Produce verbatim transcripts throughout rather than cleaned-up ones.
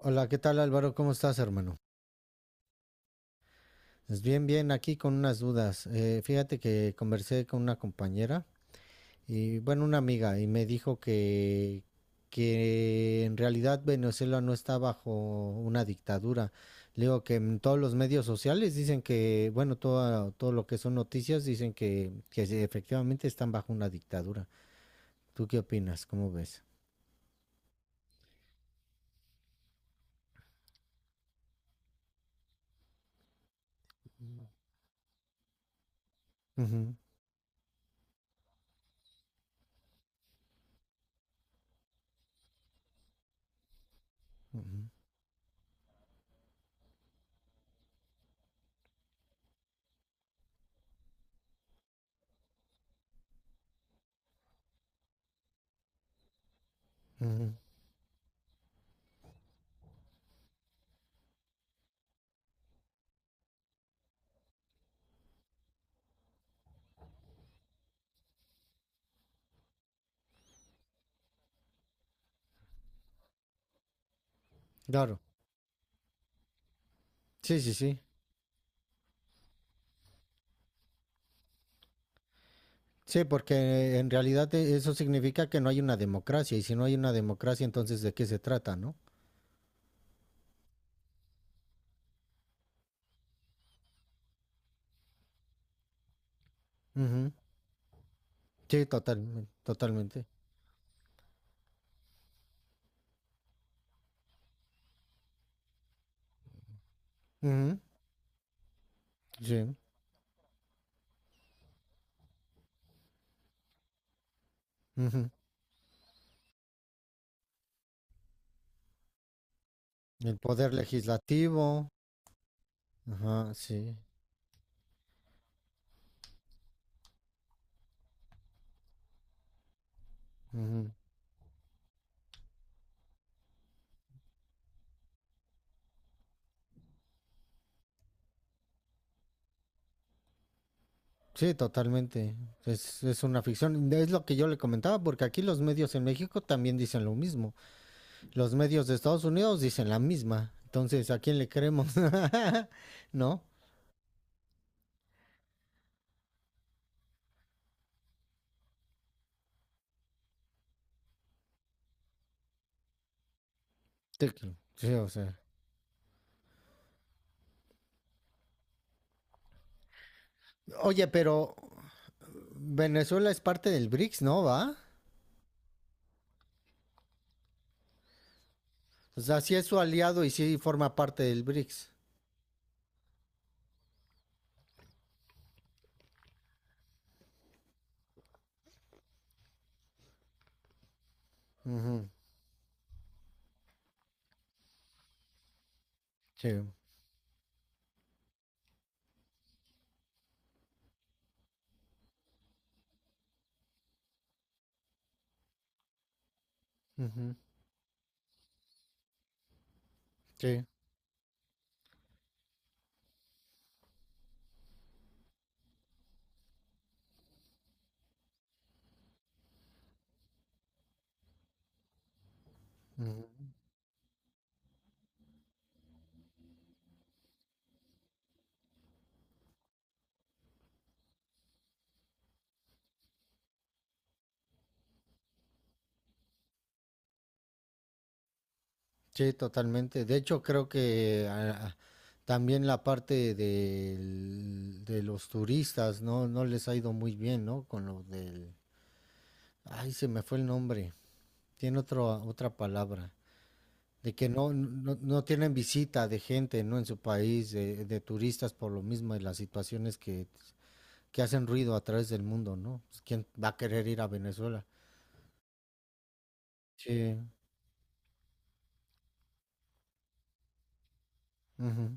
Hola, ¿qué tal Álvaro? ¿Cómo estás, hermano? Pues bien, bien, aquí con unas dudas. Eh, fíjate que conversé con una compañera y, bueno, una amiga y me dijo que, que en realidad Venezuela no está bajo una dictadura. Le digo que en todos los medios sociales dicen que, bueno, todo, todo lo que son noticias dicen que, que sí, efectivamente están bajo una dictadura. ¿Tú qué opinas? ¿Cómo ves? Ujú, ujú, ujú. Claro. Sí, sí, sí. Sí, porque en realidad e- eso significa que no hay una democracia, y si no hay una democracia, entonces ¿de qué se trata, no? Ujú. Sí, totalmente, totalmente. Ujú. Sí. Ujú. El poder legislativo. Ajá, sí. Ujú. Sí, totalmente. Es, es una ficción. Es lo que yo le comentaba, porque aquí los medios en México también dicen lo mismo. Los medios de Estados Unidos dicen la misma. Entonces, ¿a quién le creemos? ¿No? Te- sí, o sea. Oye, pero Venezuela es parte del B R I C S, ¿no? ¿Va? O sea, sí es su aliado y sí forma parte del B R I C S. Ujú, sí, ujú, sí, ujú, sí, totalmente. De hecho, creo que ah, también la parte del- de los turistas, ¿no? No les ha ido muy bien, ¿no? Con lo del... Ay, se me fue el nombre. Tiene otro, otra palabra. De que no, no, no tienen visita de gente, ¿no? En su país, de, de turistas por lo mismo y las situaciones que que hacen ruido a través del mundo, ¿no? Pues, ¿quién va a querer ir a Venezuela? Sí. Ujú,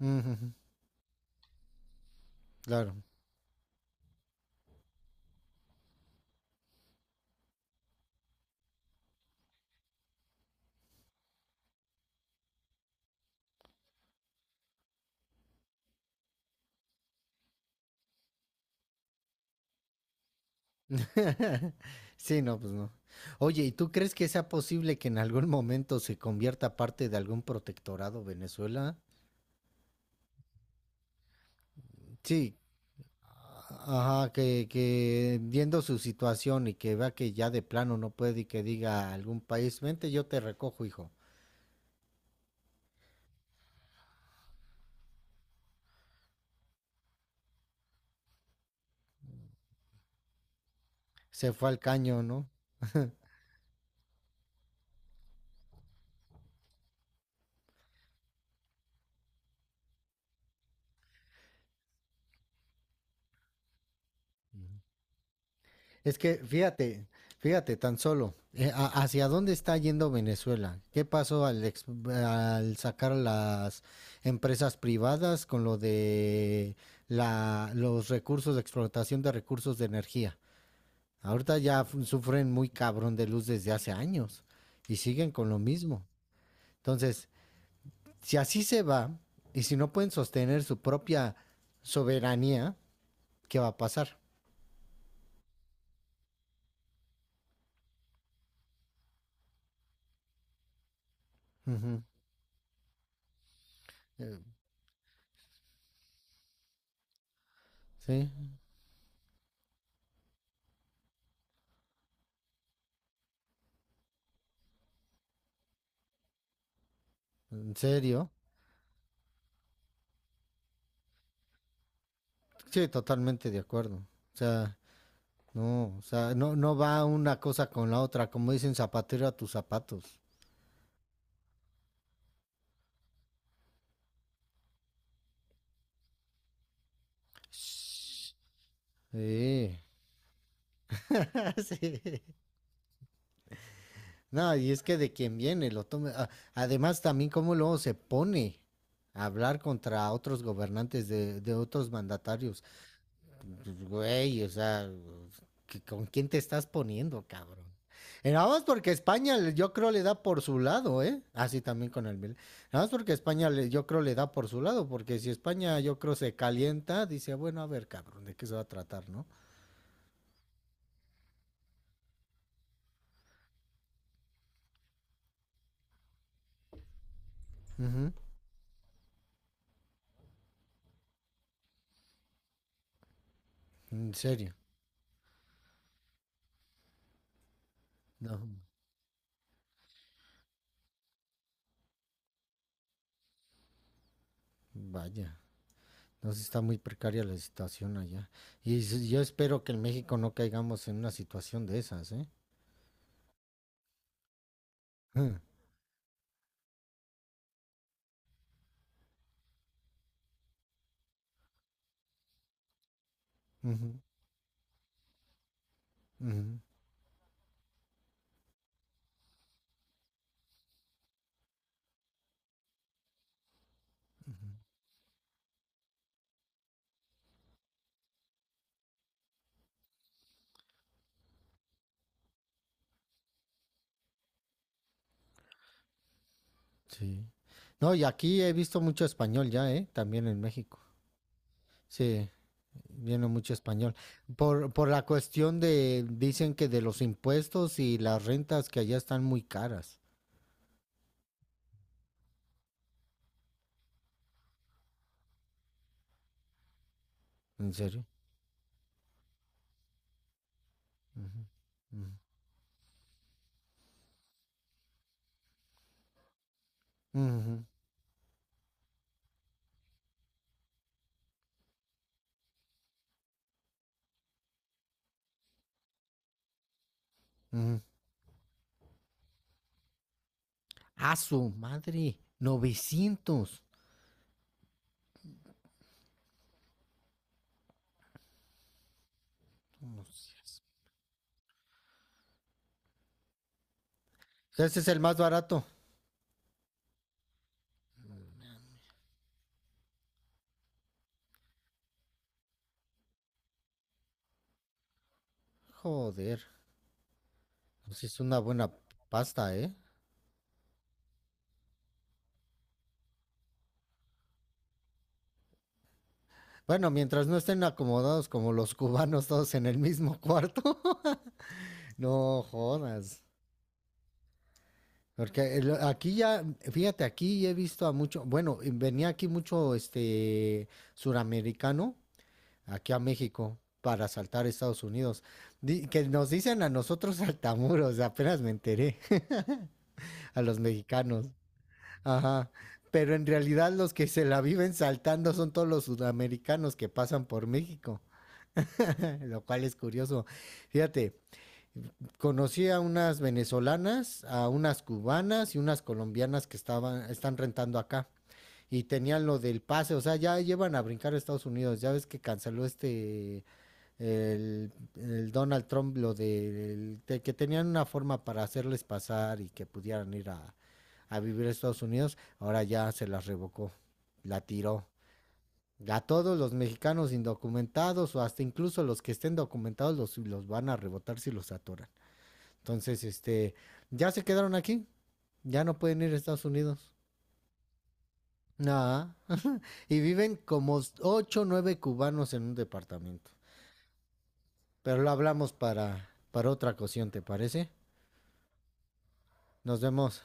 ujú. Claro. Sí, no, pues no. Oye, ¿y tú crees que sea posible que en algún momento se convierta parte de algún protectorado Venezuela? Sí. Ajá, que, que viendo su situación y que vea que ya de plano no puede y que diga a algún país, vente, yo te recojo, hijo. Se fue al caño, ¿no? Es que fíjate, fíjate tan solo, eh, a- ¿hacia dónde está yendo Venezuela? ¿Qué pasó al, ex- al sacar las empresas privadas con lo de la, los recursos de explotación de recursos de energía? Ahorita ya f- sufren muy cabrón de luz desde hace años y siguen con lo mismo. Entonces, si así se va y si no pueden sostener su propia soberanía, ¿qué va a pasar? Ujú. Eh, Sí, en serio. Sí, totalmente de acuerdo. O sea, no, o sea, no, no va una cosa con la otra, como dicen zapatero a tus zapatos. Sí. Sí. No, y es que de quien viene, lo tome. a- Además, también cómo luego se pone a hablar contra otros gobernantes de, de otros mandatarios. Pues, güey, o sea, ¿con quién te estás poniendo, cabrón? Y nada más porque España, le- yo creo, le da por su lado, ¿eh? Así también con el Milan. Nada más porque España, le- yo creo, le da por su lado, porque si España, yo creo, se calienta, dice, bueno, a ver, cabrón, ¿de qué se va a tratar, no? Uh -huh. En serio, no, vaya. Entonces está muy precaria la situación allá. Y s- yo espero que en México no caigamos en una situación de esas, ¿eh? Uh -huh. Uh -huh. Sí. No, y aquí he visto mucho español ya, ¿eh? También en México. Sí, viene mucho español. Por, por la cuestión de, dicen que de los impuestos y las rentas que allá están muy caras. ¿En serio? Ujú, ujú, ujú. A su madre, novecientos. Vamos. Ese es el más barato. Joder, pues sí, es una buena pasta, ¿eh? Bueno, mientras no estén acomodados como los cubanos todos en el mismo cuarto. No jodas. Porque el- aquí ya, fíjate, aquí he visto a mucho, bueno, y venía aquí mucho este suramericano aquí a México para saltar a Estados Unidos. Di- que nos dicen a nosotros saltamuros, apenas me enteré, a los mexicanos. Ajá. Pero en realidad los que se la viven saltando son todos los sudamericanos que pasan por México, lo cual es curioso. Fíjate, conocí a unas venezolanas, a unas cubanas y unas colombianas que estaban, están rentando acá. Y tenían lo del pase, o sea, ya llevan a brincar a Estados Unidos. Ya ves que canceló este, el, el Donald Trump, lo del- de, que tenían una forma para hacerles pasar y que pudieran ir a, a vivir a Estados Unidos. Ahora ya se las revocó, la tiró. A todos los mexicanos indocumentados o hasta incluso los que estén documentados los, los van a rebotar si los atoran. Entonces, este, ya se quedaron aquí. Ya no pueden ir a Estados Unidos. Nada. Y viven como ocho, o nueve cubanos en un departamento. Pero lo hablamos para, para otra ocasión, ¿te parece? Nos vemos.